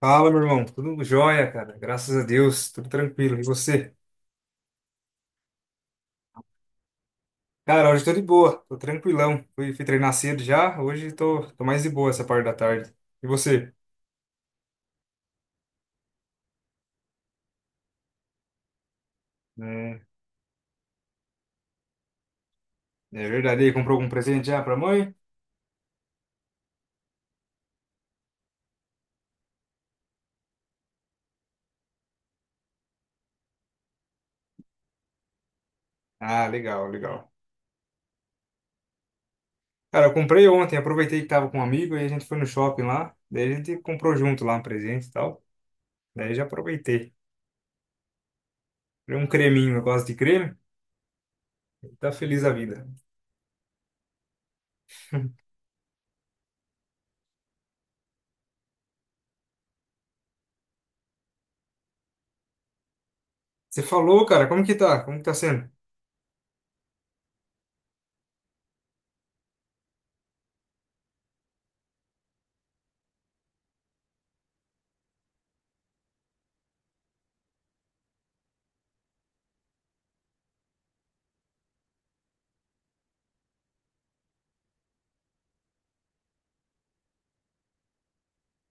Fala, meu irmão. Tudo jóia, cara. Graças a Deus. Tudo tranquilo. E você? Cara, hoje eu tô de boa. Tô tranquilão. Fui treinar cedo já. Hoje tô mais de boa essa parte da tarde. E você? Hum, é verdade. E aí, comprou algum presente já pra mãe? Ah, legal, legal. Cara, eu comprei ontem. Aproveitei que tava com um amigo e a gente foi no shopping lá. Daí a gente comprou junto lá um presente e tal. Daí já aproveitei. Comprei um creminho. Eu gosto de creme. Tá feliz a vida. Você falou, cara. Como que tá? Como que tá sendo?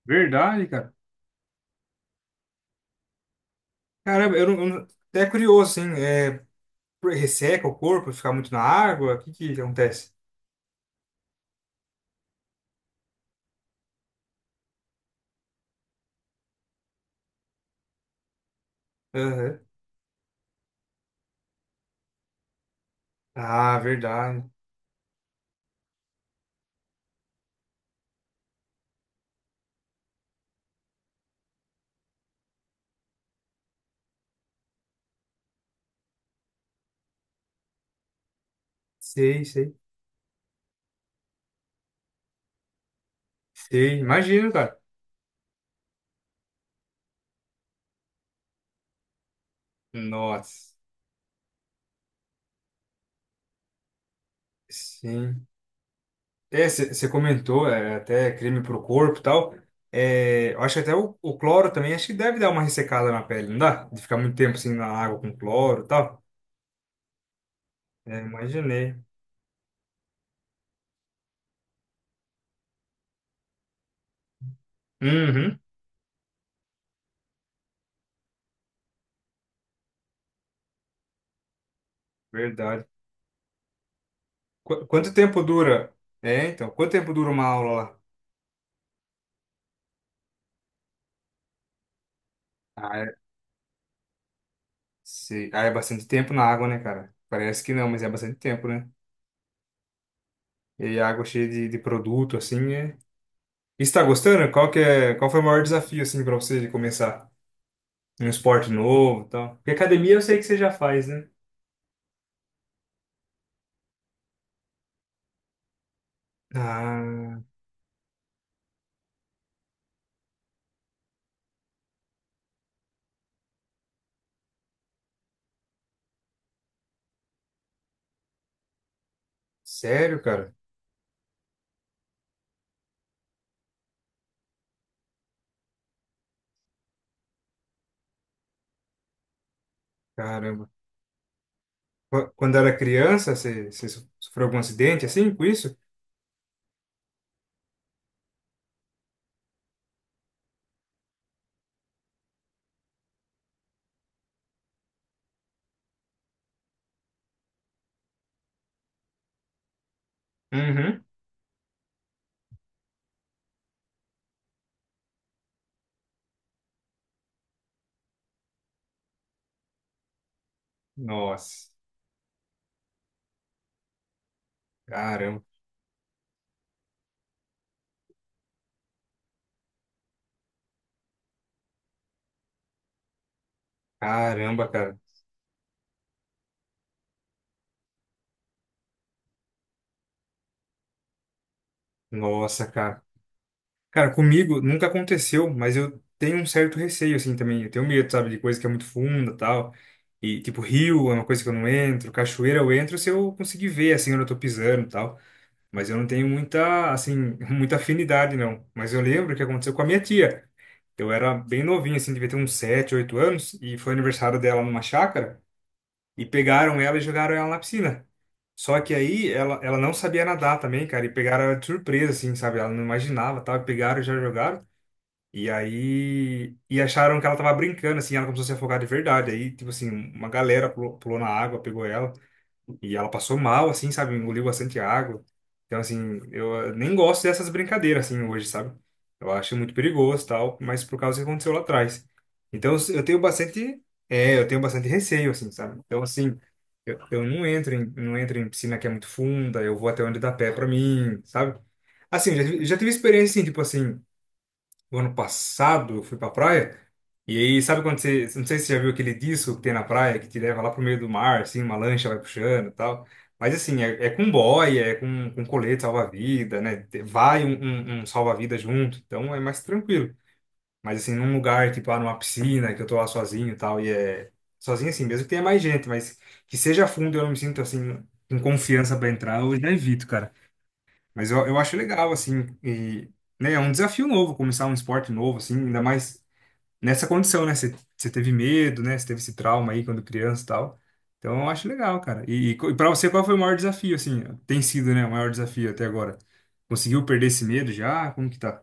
Verdade, cara. Caramba, eu não- até curioso, hein? É, resseca o corpo, fica muito na água? O que que acontece? Aham. Ah, verdade. Sei, sei. Sei, imagino, cara. Nossa, sim. É, você comentou, é, até creme pro corpo e tal. É, eu acho que até o cloro também, acho que deve dar uma ressecada na pele, não dá? De ficar muito tempo assim na água com cloro e tal. É, imaginei. Uhum, verdade. Quanto tempo dura? É, então, quanto tempo dura uma aula lá? Sei. Ah, é bastante tempo na água, né, cara? Parece que não, mas é bastante tempo, né? E a água cheia de produto, assim, é... E você tá gostando? Qual que é, qual foi o maior desafio, assim, pra você de começar? Um esporte novo e tal? Porque academia eu sei que você já faz, né? Ah, sério, cara? Caramba. Quando era criança, você sofreu algum acidente, assim, com isso? Uhum. Nossa. Caramba. Caramba, cara. Nossa, cara. Cara, comigo nunca aconteceu, mas eu tenho um certo receio, assim, também. Eu tenho medo, sabe, de coisa que é muito funda, tal. E, tipo, rio é uma coisa que eu não entro, cachoeira eu entro se eu conseguir ver, assim, onde eu tô pisando, tal. Mas eu não tenho muita, assim, muita afinidade, não. Mas eu lembro que aconteceu com a minha tia. Eu era bem novinho, assim, devia ter uns 7 8 anos, e foi aniversário dela numa chácara, e pegaram ela e jogaram ela na piscina. Só que aí ela não sabia nadar também, cara, e pegaram ela de surpresa, assim, sabe? Ela não imaginava, tá? Pegaram e já jogaram. E aí, e acharam que ela tava brincando, assim, ela começou a se afogar de verdade. Aí, tipo assim, uma galera pulou, pulou na água, pegou ela, e ela passou mal, assim, sabe? Engoliu bastante água. Então, assim, nem gosto dessas brincadeiras, assim, hoje, sabe? Eu acho muito perigoso, tal, mas por causa do que aconteceu lá atrás. Então, eu tenho bastante, é, eu tenho bastante receio, assim, sabe? Então, assim, eu não entro em, não entro em piscina que é muito funda, eu vou até onde dá pé pra mim, sabe? Assim, eu já tive experiência, assim, tipo assim o ano passado eu fui pra praia. E aí, sabe quando você. Não sei se você já viu aquele disco que tem na praia que te leva lá pro meio do mar, assim, uma lancha vai puxando e tal. Mas assim, é, é com boia, é com colete salva-vida, né? Vai um, um salva-vida junto, então é mais tranquilo. Mas assim, num lugar, tipo lá numa piscina, que eu tô lá sozinho e tal, e é. Sozinho assim, mesmo que tenha mais gente, mas que seja fundo e eu não me sinto assim, com confiança pra entrar, eu já evito, cara. Mas eu acho legal, assim, e, né, é um desafio novo, começar um esporte novo, assim, ainda mais nessa condição, né? Você teve medo, né? Você teve esse trauma aí quando criança e tal. Então eu acho legal, cara. E pra você, qual foi o maior desafio, assim? Tem sido, né, o maior desafio até agora? Conseguiu perder esse medo já? Como que tá?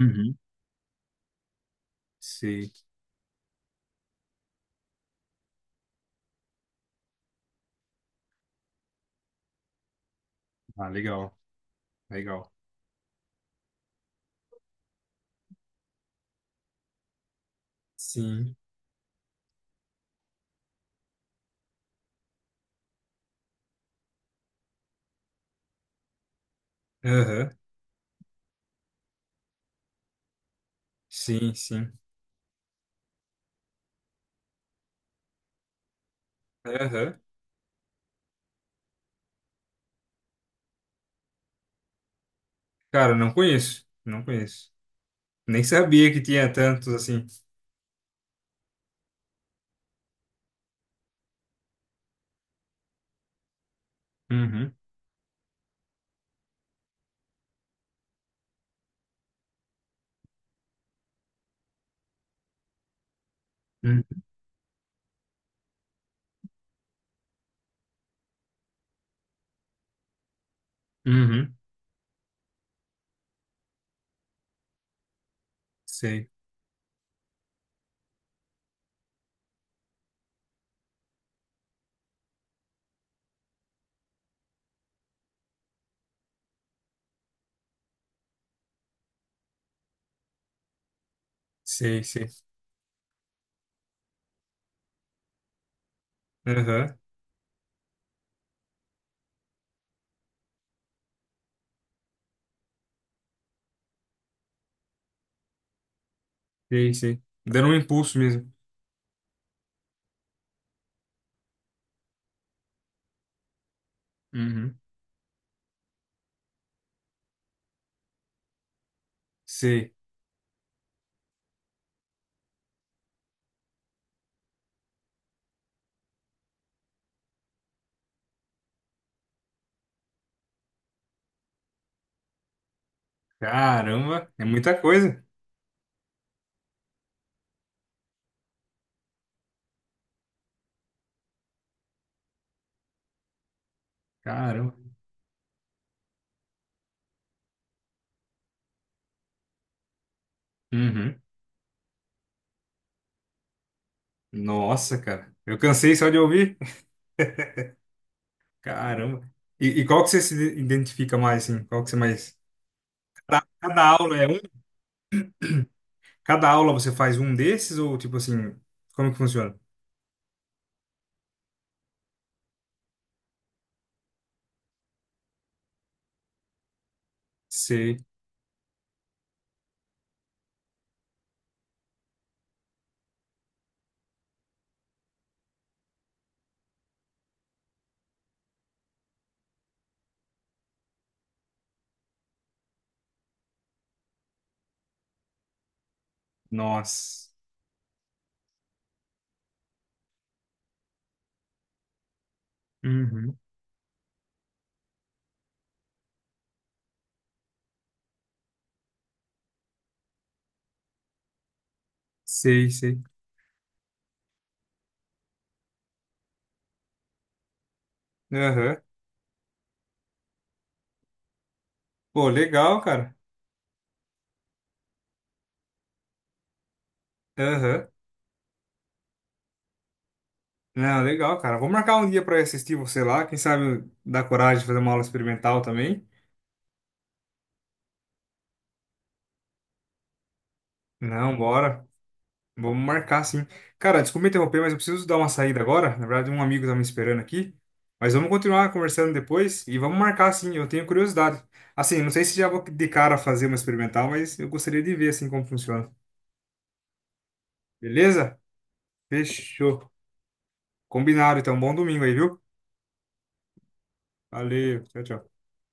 Uhum. Sei. Ah, legal, legal. Sim. Aham. Sim, sim. Aham. Cara, não conheço, não conheço. Nem sabia que tinha tantos assim. Uhum. Uhum. Sei, sei, sei. Aham, sei, sei. Dando um impulso mesmo. Uhum, sei. Caramba, é muita coisa. Caramba. Uhum. Nossa, cara. Eu cansei só de ouvir. Caramba. E qual que você se identifica mais, assim? Qual que você mais... Cada aula é um? Cada aula você faz um desses ou, tipo assim, como que funciona? Sei. Nossa. Uhum. Sei, sei. Aham. Pô, legal, cara. Aham. Não, legal, cara. Vou marcar um dia pra eu assistir você lá. Quem sabe dá coragem de fazer uma aula experimental também. Não, bora. Vamos marcar, sim. Cara, desculpa interromper, mas eu preciso dar uma saída agora. Na verdade, um amigo tá me esperando aqui. Mas vamos continuar conversando depois e vamos marcar, sim. Eu tenho curiosidade. Assim, não sei se já vou de cara fazer uma experimental, mas eu gostaria de ver, assim, como funciona. Beleza? Fechou. Combinado, então. Bom domingo aí, viu? Valeu. Tchau, tchau.